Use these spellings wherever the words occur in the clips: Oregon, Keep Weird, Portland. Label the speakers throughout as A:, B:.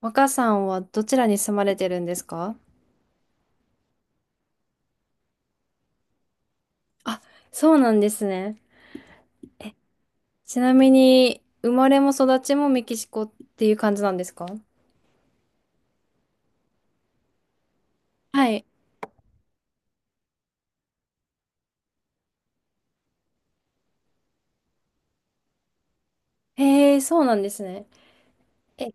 A: 若さんはどちらに住まれてるんですか？あ、そうなんですね。ちなみに、生まれも育ちもメキシコっていう感じなんですか？はい。へえ、そうなんですね。え、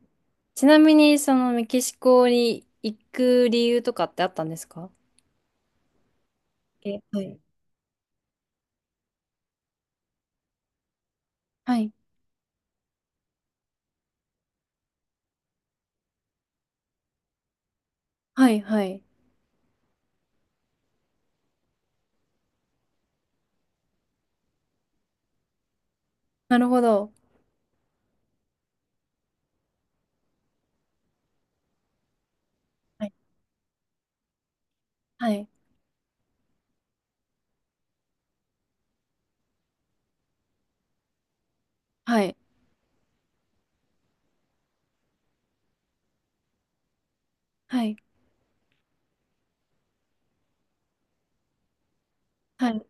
A: ちなみに、そのメキシコに行く理由とかってあったんですか？え、はい。はい。はい。はい。なるほど。はい。はい。はい。はい。はい。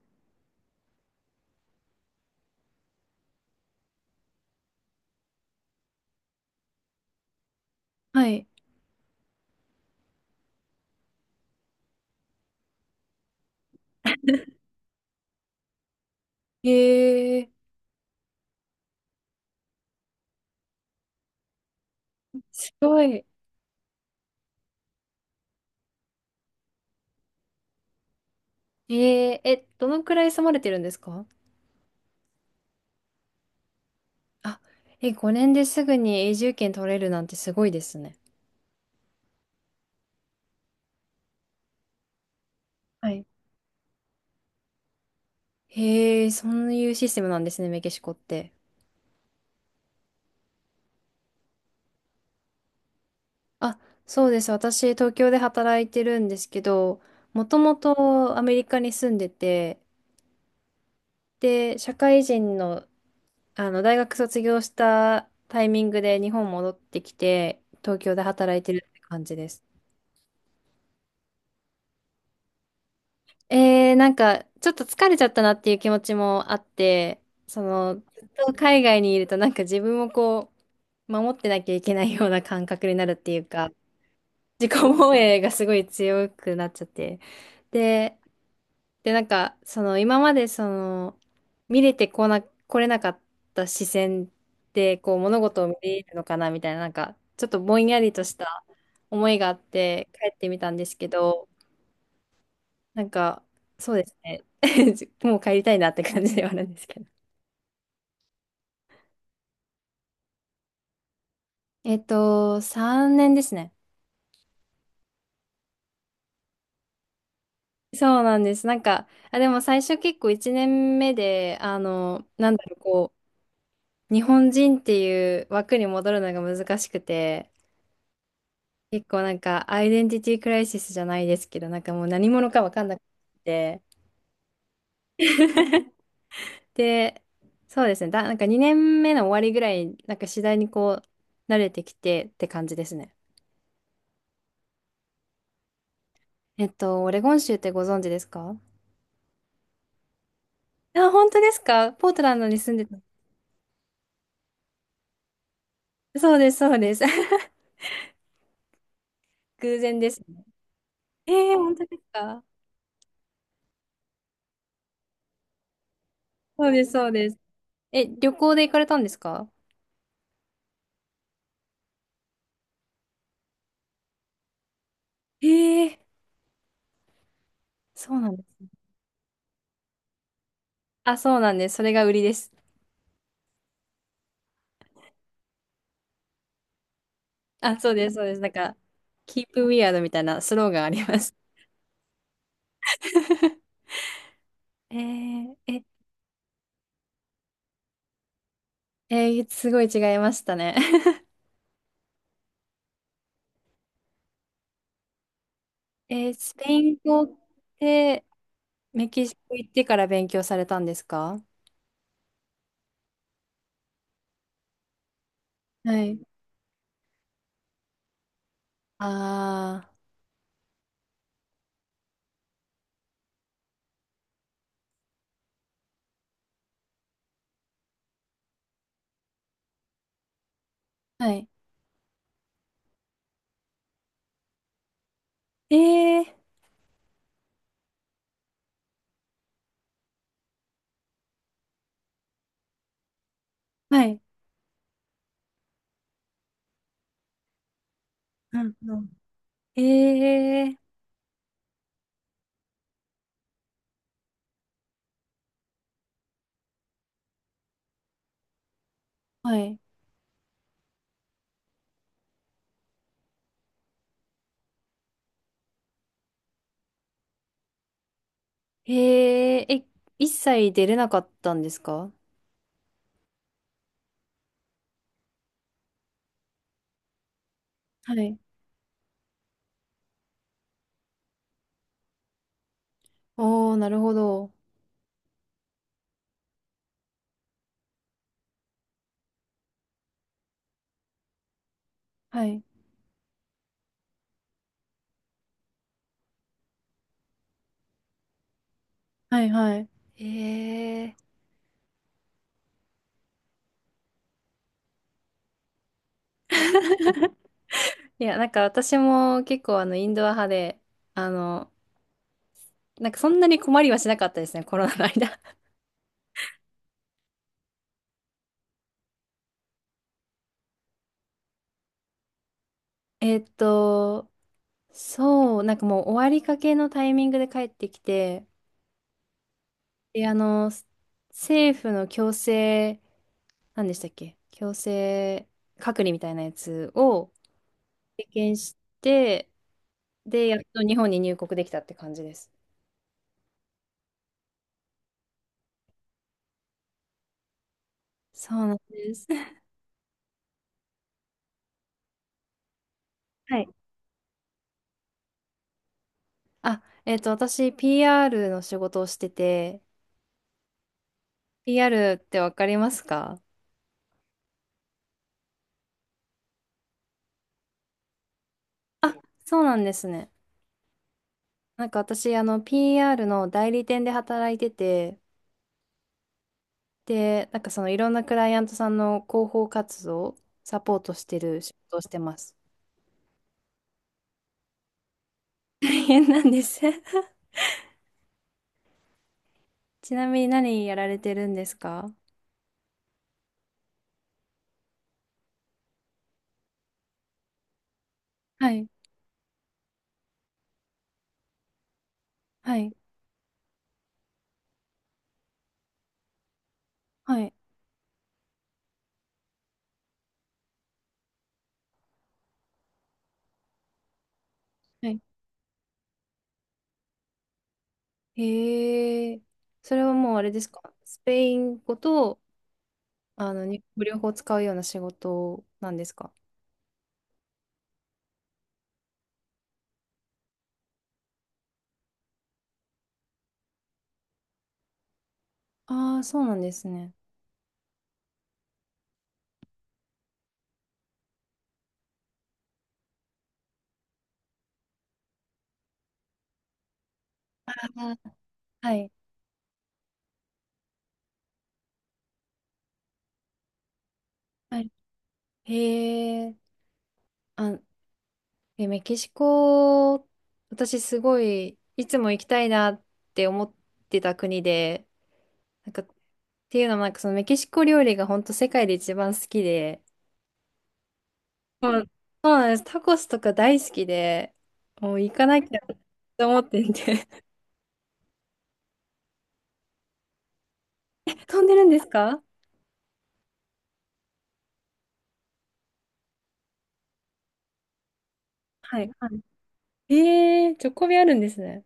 A: はい。へえ、すごい。えー、どのくらい住まれてるんですか？あ、え、5年ですぐに永住権取れるなんてすごいですね。はい。へえ、そういうシステムなんですね、メキシコって。あ、そうです。私、東京で働いてるんですけど、もともとアメリカに住んでて、で、社会人の、大学卒業したタイミングで日本戻ってきて、東京で働いてるって感じです。なんか、ちょっと疲れちゃったなっていう気持ちもあって、その、ずっと海外にいるとなんか自分をこう、守ってなきゃいけないような感覚になるっていうか、自己防衛がすごい強くなっちゃって。で、で、なんか、その、今までその、見れてこな、来れなかった視線で、こう、物事を見れるのかなみたいな、なんか、ちょっとぼんやりとした思いがあって帰ってみたんですけど、なんか、そうですね。もう帰りたいなって感じではあるんですけど。3年ですね。そうなんです。なんか、あ、でも最初結構1年目で、なんだろう、こう、日本人っていう枠に戻るのが難しくて、結構なんか、アイデンティティクライシスじゃないですけど、なんかもう何者かわかんなくて、で、そうですね。なんか2年目の終わりぐらい、なんか次第にこう、慣れてきてって感じですね。オレゴン州ってご存知ですか？あ、本当ですか？ポートランドに住んでた。そうです、そうです。偶然ですね。本当ですか？そうです、そうです。え、旅行で行かれたんですか？ええ、そうなんです。あ、そうなんです。それが売りです。あ、そうです、そうです。なんか、Keep Weird みたいなスローガンあります。えー、え、えーすごい違いましたね。スペイン語ってメキシコ行ってから勉強されたんですか？はい。ああ、はい。ええ、はい。うんうん、ええ、はい。えええ、一切出れなかったんですか？はい。おー、なるほど。はい。はい。はい。ええ、いや、なんか私も結構インドア派で、あの、なんかそんなに困りはしなかったですね、コロナの間。えっと、そう、なんかもう終わりかけのタイミングで帰ってきて、で、政府の強制、何でしたっけ強制隔離みたいなやつを、経験して、で、やっと日本に入国できたって感じです。そうなんです。はい。あ、私、PR の仕事をしてて、PR ってわかりますか？そうなんですね。なんか私、PR の代理店で働いてて、で、なんかそのいろんなクライアントさんの広報活動をサポートしてる仕事をしてます。大変なんです ちなみに何やられてるんですか？はい、はい、はい。はい、へえ。それはもうあれですかスペイン語と、日本語両方使うような仕事なんですか？ああー、そうなんですね。あー、はい。はい。へえ。あ、え、メキシコ、私すごい、いつも行きたいなって思ってた国で、なんか、っていうのもなんかそのメキシコ料理が本当世界で一番好きで、そうん、そうなんです。タコスとか大好きで、もう行かなきゃって思ってて 飛んでるんですか？はい、はい。チョコビあるんですね。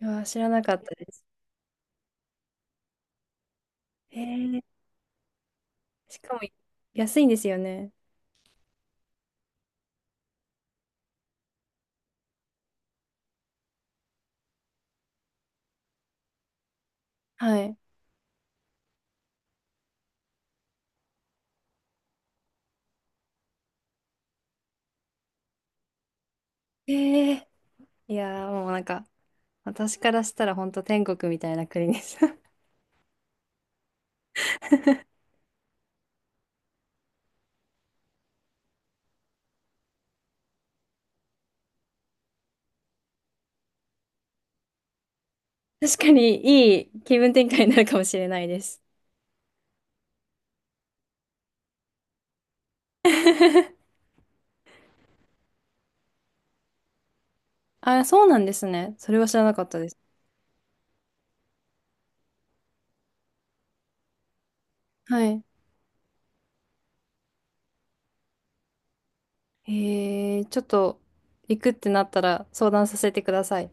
A: いやー、知らなかったです。えー、しかも安いんですよね。はい。えいやー、もうなんか、私からしたら本当天国みたいな国です。確かにいい気分転換になるかもしれないです。あ、そうなんですね。それは知らなかったです。はい。ちょっと行くってなったら相談させてください。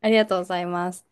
A: ありがとうございます。